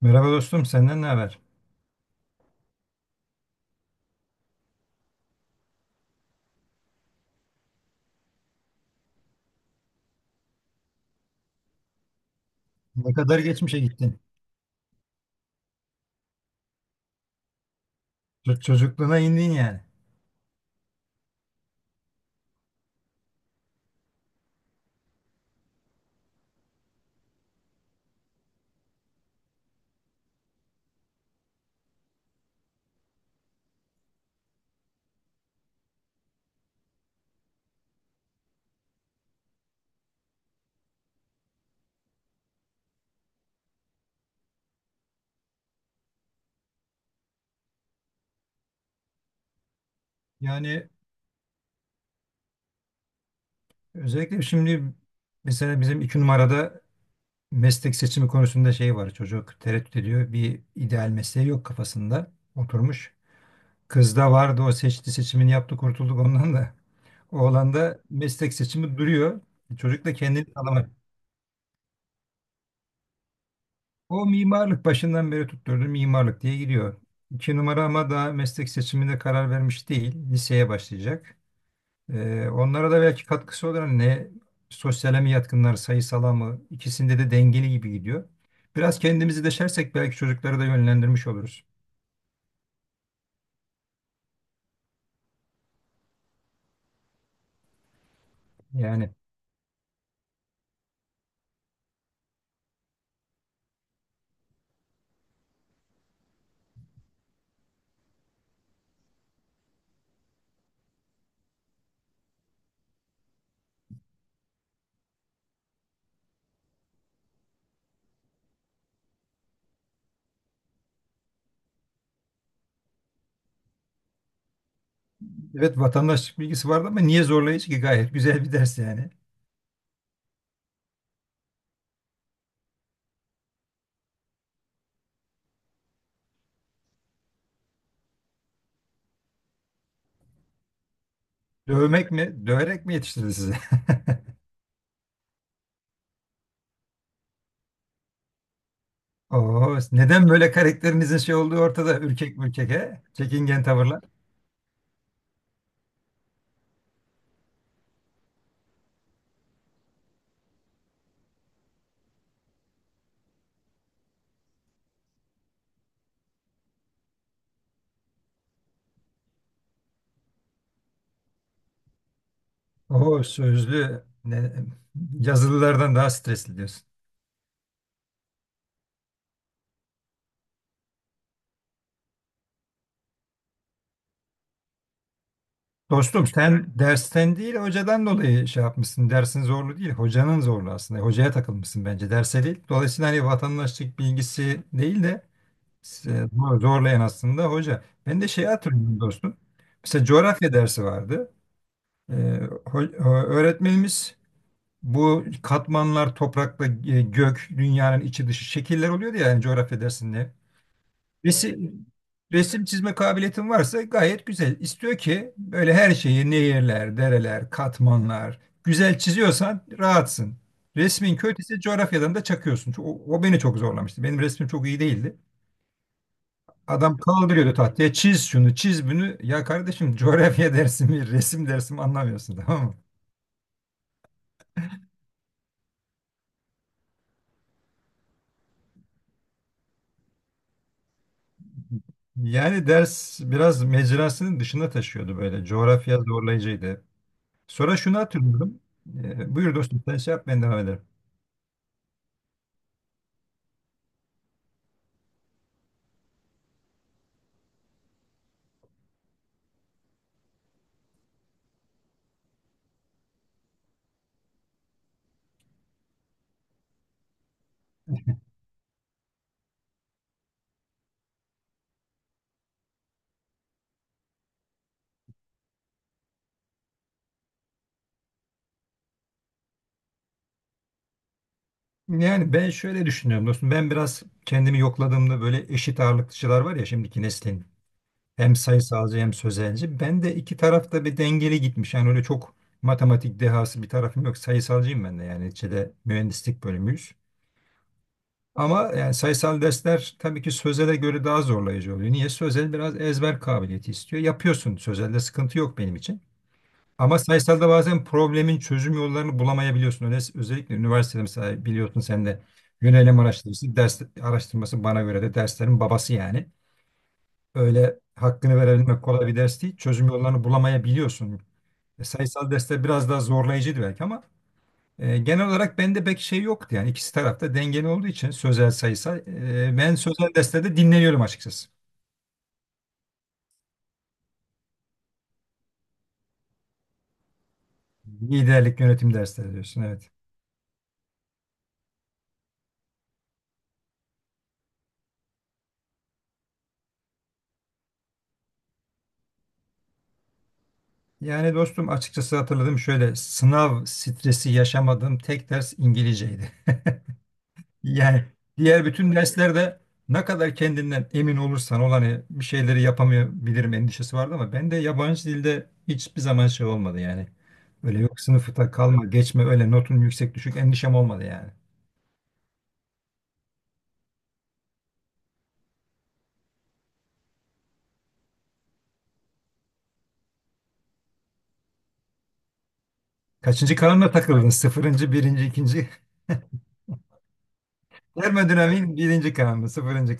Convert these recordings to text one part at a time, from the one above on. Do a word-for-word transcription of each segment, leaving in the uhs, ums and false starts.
Merhaba dostum, senden ne haber? Ne kadar geçmişe gittin? Ç- Çocukluğuna indin yani. Yani özellikle şimdi mesela bizim iki numarada meslek seçimi konusunda şey var. Çocuk tereddüt ediyor. Bir ideal mesleği yok kafasında. Oturmuş. Kız da vardı, o seçti, seçimini yaptı, kurtulduk ondan da. Oğlan da meslek seçimi duruyor. Çocuk da kendini tanımadı. O mimarlık başından beri tutturdu, mimarlık diye gidiyor. İki numara ama daha meslek seçimine karar vermiş değil. Liseye başlayacak. Ee, onlara da belki katkısı olur. Hani ne, sosyale mi yatkınlar, sayısala mı? İkisinde de dengeli gibi gidiyor. Biraz kendimizi deşersek belki çocukları da yönlendirmiş oluruz. Yani evet, vatandaşlık bilgisi vardı ama niye zorlayıcı ki? Gayet güzel bir ders yani. Dövmek mi, döverek mi yetiştirdi sizi? Oo, neden böyle karakterinizin şey olduğu ortada? Ürkek mürkek he? Çekingen tavırlar. Oo, sözlü ne- yazılılardan daha stresli diyorsun. Dostum, sen dersten değil hocadan dolayı şey yapmışsın. Dersin zorlu değil, hocanın zorlu aslında. Hocaya takılmışsın bence, derse değil. Dolayısıyla hani vatandaşlık bilgisi değil de e, zor- zorlayan aslında hoca. Ben de şeyi hatırlıyorum dostum. Mesela coğrafya dersi vardı. E, ho- ö- öğretmenimiz bu katmanlar, toprakla e, gök, dünyanın içi dışı şekiller oluyordu ya yani coğrafya dersinde. Resim, Resim çizme kabiliyetin varsa gayet güzel. İstiyor ki böyle her şeyi nehirler, dereler, katmanlar güzel çiziyorsan rahatsın. Resmin kötüyse coğrafyadan da çakıyorsun. O, o beni çok zorlamıştı. Benim resmim çok iyi değildi. Adam kaldırıyordu tahtaya, çiz şunu çiz bunu. Ya kardeşim, coğrafya dersi mi resim dersi mi anlamıyorsun tamam mı? Yani ders biraz mecrasının dışına taşıyordu böyle. Coğrafya zorlayıcıydı. Sonra şunu hatırlıyorum. Ee, buyur dostum, sen şey yap, ben devam ederim. Yani ben şöyle düşünüyorum dostum. Ben biraz kendimi yokladığımda böyle eşit ağırlıkçılar var ya şimdiki neslin. Hem sayısalcı hem sözelci. Ben de iki tarafta bir dengeli gitmiş. Yani öyle çok matematik dehası bir tarafım yok. Sayısalcıyım ben de yani, neticede mühendislik bölümüyüz. Ama yani sayısal dersler tabii ki sözele göre daha zorlayıcı oluyor. Niye? Sözel biraz ezber kabiliyeti istiyor. Yapıyorsun. Sözelde sıkıntı yok benim için. Ama sayısalda bazen problemin çözüm yollarını bulamayabiliyorsun. Öyle, özellikle üniversitede mesela, biliyorsun sen de, yönelim araştırması, ders araştırması bana göre de derslerin babası yani. Öyle hakkını verebilmek kolay bir ders değil. Çözüm yollarını bulamayabiliyorsun. E, sayısal dersler biraz daha zorlayıcıydı belki ama e, genel olarak bende pek şey yoktu. Yani ikisi tarafta dengeli olduğu için sözel sayısal. E, ben sözel derslerde dinleniyorum açıkçası. Liderlik yönetim dersleri diyorsun, evet. Yani dostum, açıkçası hatırladım, şöyle sınav stresi yaşamadığım tek ders İngilizceydi. Yani diğer bütün derslerde ne kadar kendinden emin olursan ol hani bir şeyleri yapamayabilirim endişesi vardı, ama ben de yabancı dilde hiçbir zaman şey olmadı yani. Öyle yok, sınıfta kalma geçme, öyle notun yüksek düşük endişem olmadı yani. Kaçıncı kanuna takıldın? Sıfırıncı, birinci, ikinci. Termodinamiğin birinci kanunu, sıfırıncı.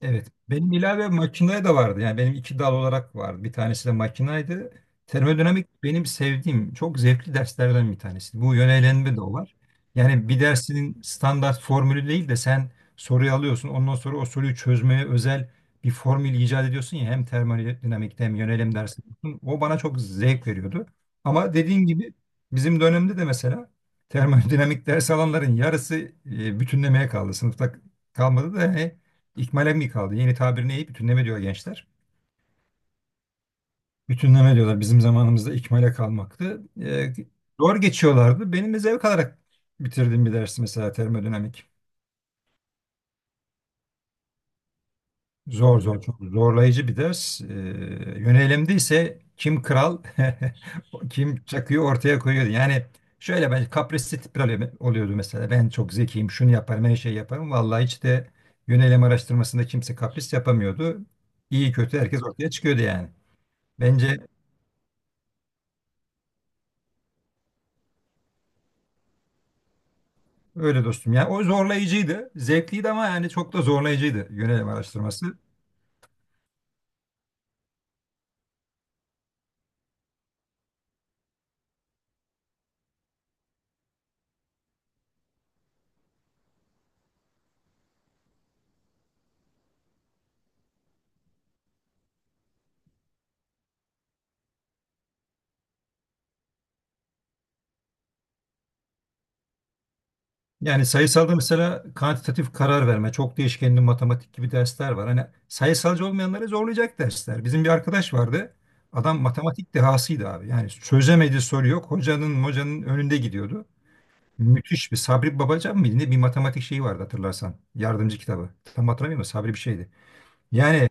Evet. Benim ilave makinaya da vardı. Yani benim iki dal olarak vardı. Bir tanesi de makinaydı. Termodinamik benim sevdiğim, çok zevkli derslerden bir tanesi. Bu yönelenme de o var. Yani bir dersinin standart formülü değil de sen soruyu alıyorsun. Ondan sonra o soruyu çözmeye özel bir formül icat ediyorsun ya. Hem termodinamikte hem yönelim dersinde. O bana çok zevk veriyordu. Ama dediğin gibi bizim dönemde de mesela termodinamik ders alanların yarısı e, bütünlemeye kaldı. Sınıfta kalmadı da. Yani İkmale mi kaldı? Yeni tabir ne? Bütünleme diyor gençler. Bütünleme diyorlar. Bizim zamanımızda ikmale kalmaktı. Ee, doğru geçiyorlardı. Benim de zevk alarak bitirdiğim bir ders mesela termodinamik. Zor, zor, çok zorlayıcı bir ders. Ee, yönelimde ise kim kral kim çakıyı ortaya koyuyordu. Yani şöyle ben, kaprisli tipler oluyordu mesela. Ben çok zekiyim, şunu yaparım, her şeyi yaparım. Vallahi hiç de yönelim araştırmasında kimse kapris yapamıyordu. İyi kötü herkes ortaya çıkıyordu yani. Bence öyle dostum. Yani o zorlayıcıydı. Zevkliydi ama yani çok da zorlayıcıydı yönelim araştırması. Yani sayısalda mesela kantitatif karar verme, çok değişkenli matematik gibi dersler var. Hani sayısalcı olmayanları zorlayacak dersler. Bizim bir arkadaş vardı. Adam matematik dehasıydı abi. Yani çözemediği soru yok. Hocanın hocanın önünde gidiyordu. Müthiş bir Sabri Babacan mıydı ne, bir matematik şeyi vardı hatırlarsan. Yardımcı kitabı. Tam hatırlamıyorum da Sabri bir şeydi. Yani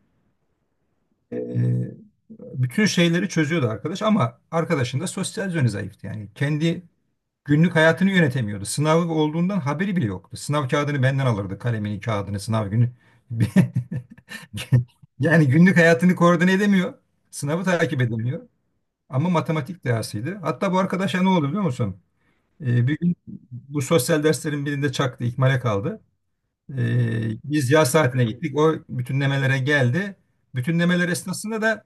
e, Bütün şeyleri çözüyordu arkadaş, ama arkadaşın da sosyal yönü zayıftı. Yani kendi günlük hayatını yönetemiyordu. Sınavı olduğundan haberi bile yoktu. Sınav kağıdını benden alırdı. Kalemini, kağıdını, sınav günü. Yani günlük hayatını koordine edemiyor. Sınavı takip edemiyor. Ama matematik dersiydi. Hatta bu arkadaşa ne oldu biliyor musun? Ee, bir gün bu sosyal derslerin birinde çaktı, ikmale kaldı. Ee, biz yaz saatine gittik. O bütünlemelere geldi. Bütünlemeler esnasında da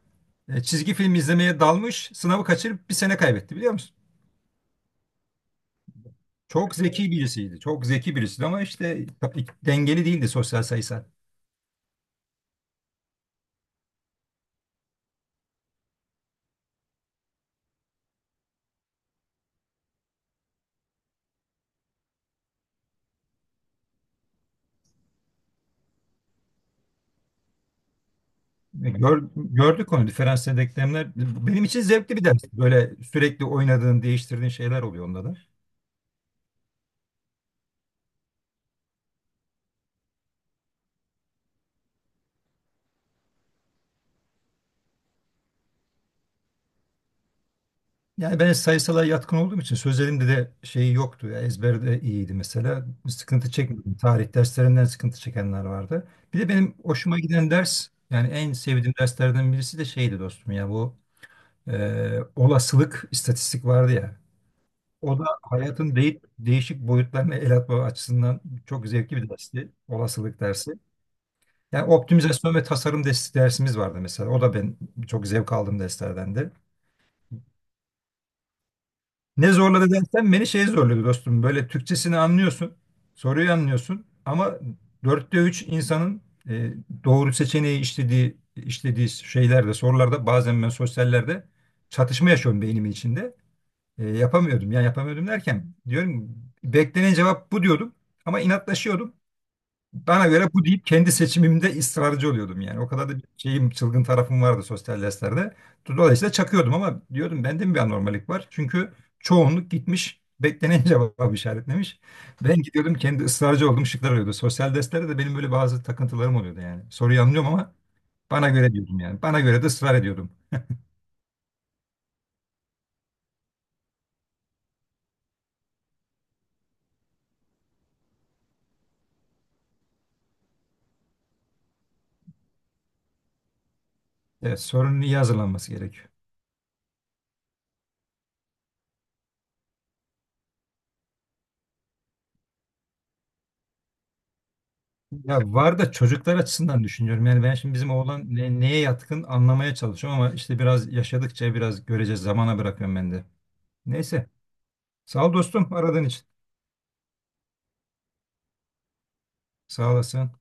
e, çizgi film izlemeye dalmış. Sınavı kaçırıp bir sene kaybetti biliyor musun? Çok zeki birisiydi. Çok zeki birisiydi ama işte dengeli değildi, sosyal sayısal. E, Gör- gördük onu, diferansiyel denklemler. Benim için zevkli bir ders. Böyle sürekli oynadığın, değiştirdiğin şeyler oluyor onda da. Yani ben sayısala yatkın olduğum için sözlerimde de şey yoktu. Ya ezberde iyiydi mesela. Bir sıkıntı çekmedim. Tarih derslerinden sıkıntı çekenler vardı. Bir de benim hoşuma giden ders, yani en sevdiğim derslerden birisi de şeydi dostum ya, bu e, olasılık istatistik vardı ya. O da hayatın de değişik boyutlarına el atma açısından çok zevkli bir dersti. Olasılık dersi. Yani optimizasyon ve tasarım des- dersimiz vardı mesela. O da ben çok zevk aldığım derslerdendi. Ne zorladı dersen beni, şey zorladı dostum. Böyle Türkçesini anlıyorsun, soruyu anlıyorsun ama dörtte üç insanın e, doğru seçeneği işlediği işlediği şeylerde, sorularda bazen ben sosyallerde çatışma yaşıyorum beynimin içinde. E, yapamıyordum. Yani yapamıyordum derken, diyorum beklenen cevap bu, diyordum ama inatlaşıyordum. Bana göre bu deyip kendi seçimimde ısrarcı oluyordum yani. O kadar da bir şeyim, çılgın tarafım vardı sosyal derslerde. Dolayısıyla çakıyordum ama diyordum, bende mi bir anormalik var? Çünkü çoğunluk gitmiş beklenen cevabı işaretlemiş. Ben gidiyordum, kendi ısrarcı olduğum şıklar oluyordu. Sosyal derslerde de benim böyle bazı takıntılarım oluyordu yani. Soruyu anlıyorum ama bana göre diyordum yani. Bana göre de ısrar ediyordum. Evet, sorunun iyi hazırlanması gerekiyor. Ya var da çocuklar açısından düşünüyorum. Yani ben şimdi bizim oğlan ne- neye yatkın anlamaya çalışıyorum ama işte biraz yaşadıkça biraz göreceğiz. Zamana bırakıyorum ben de. Neyse. Sağ ol dostum aradığın için. Sağ olasın.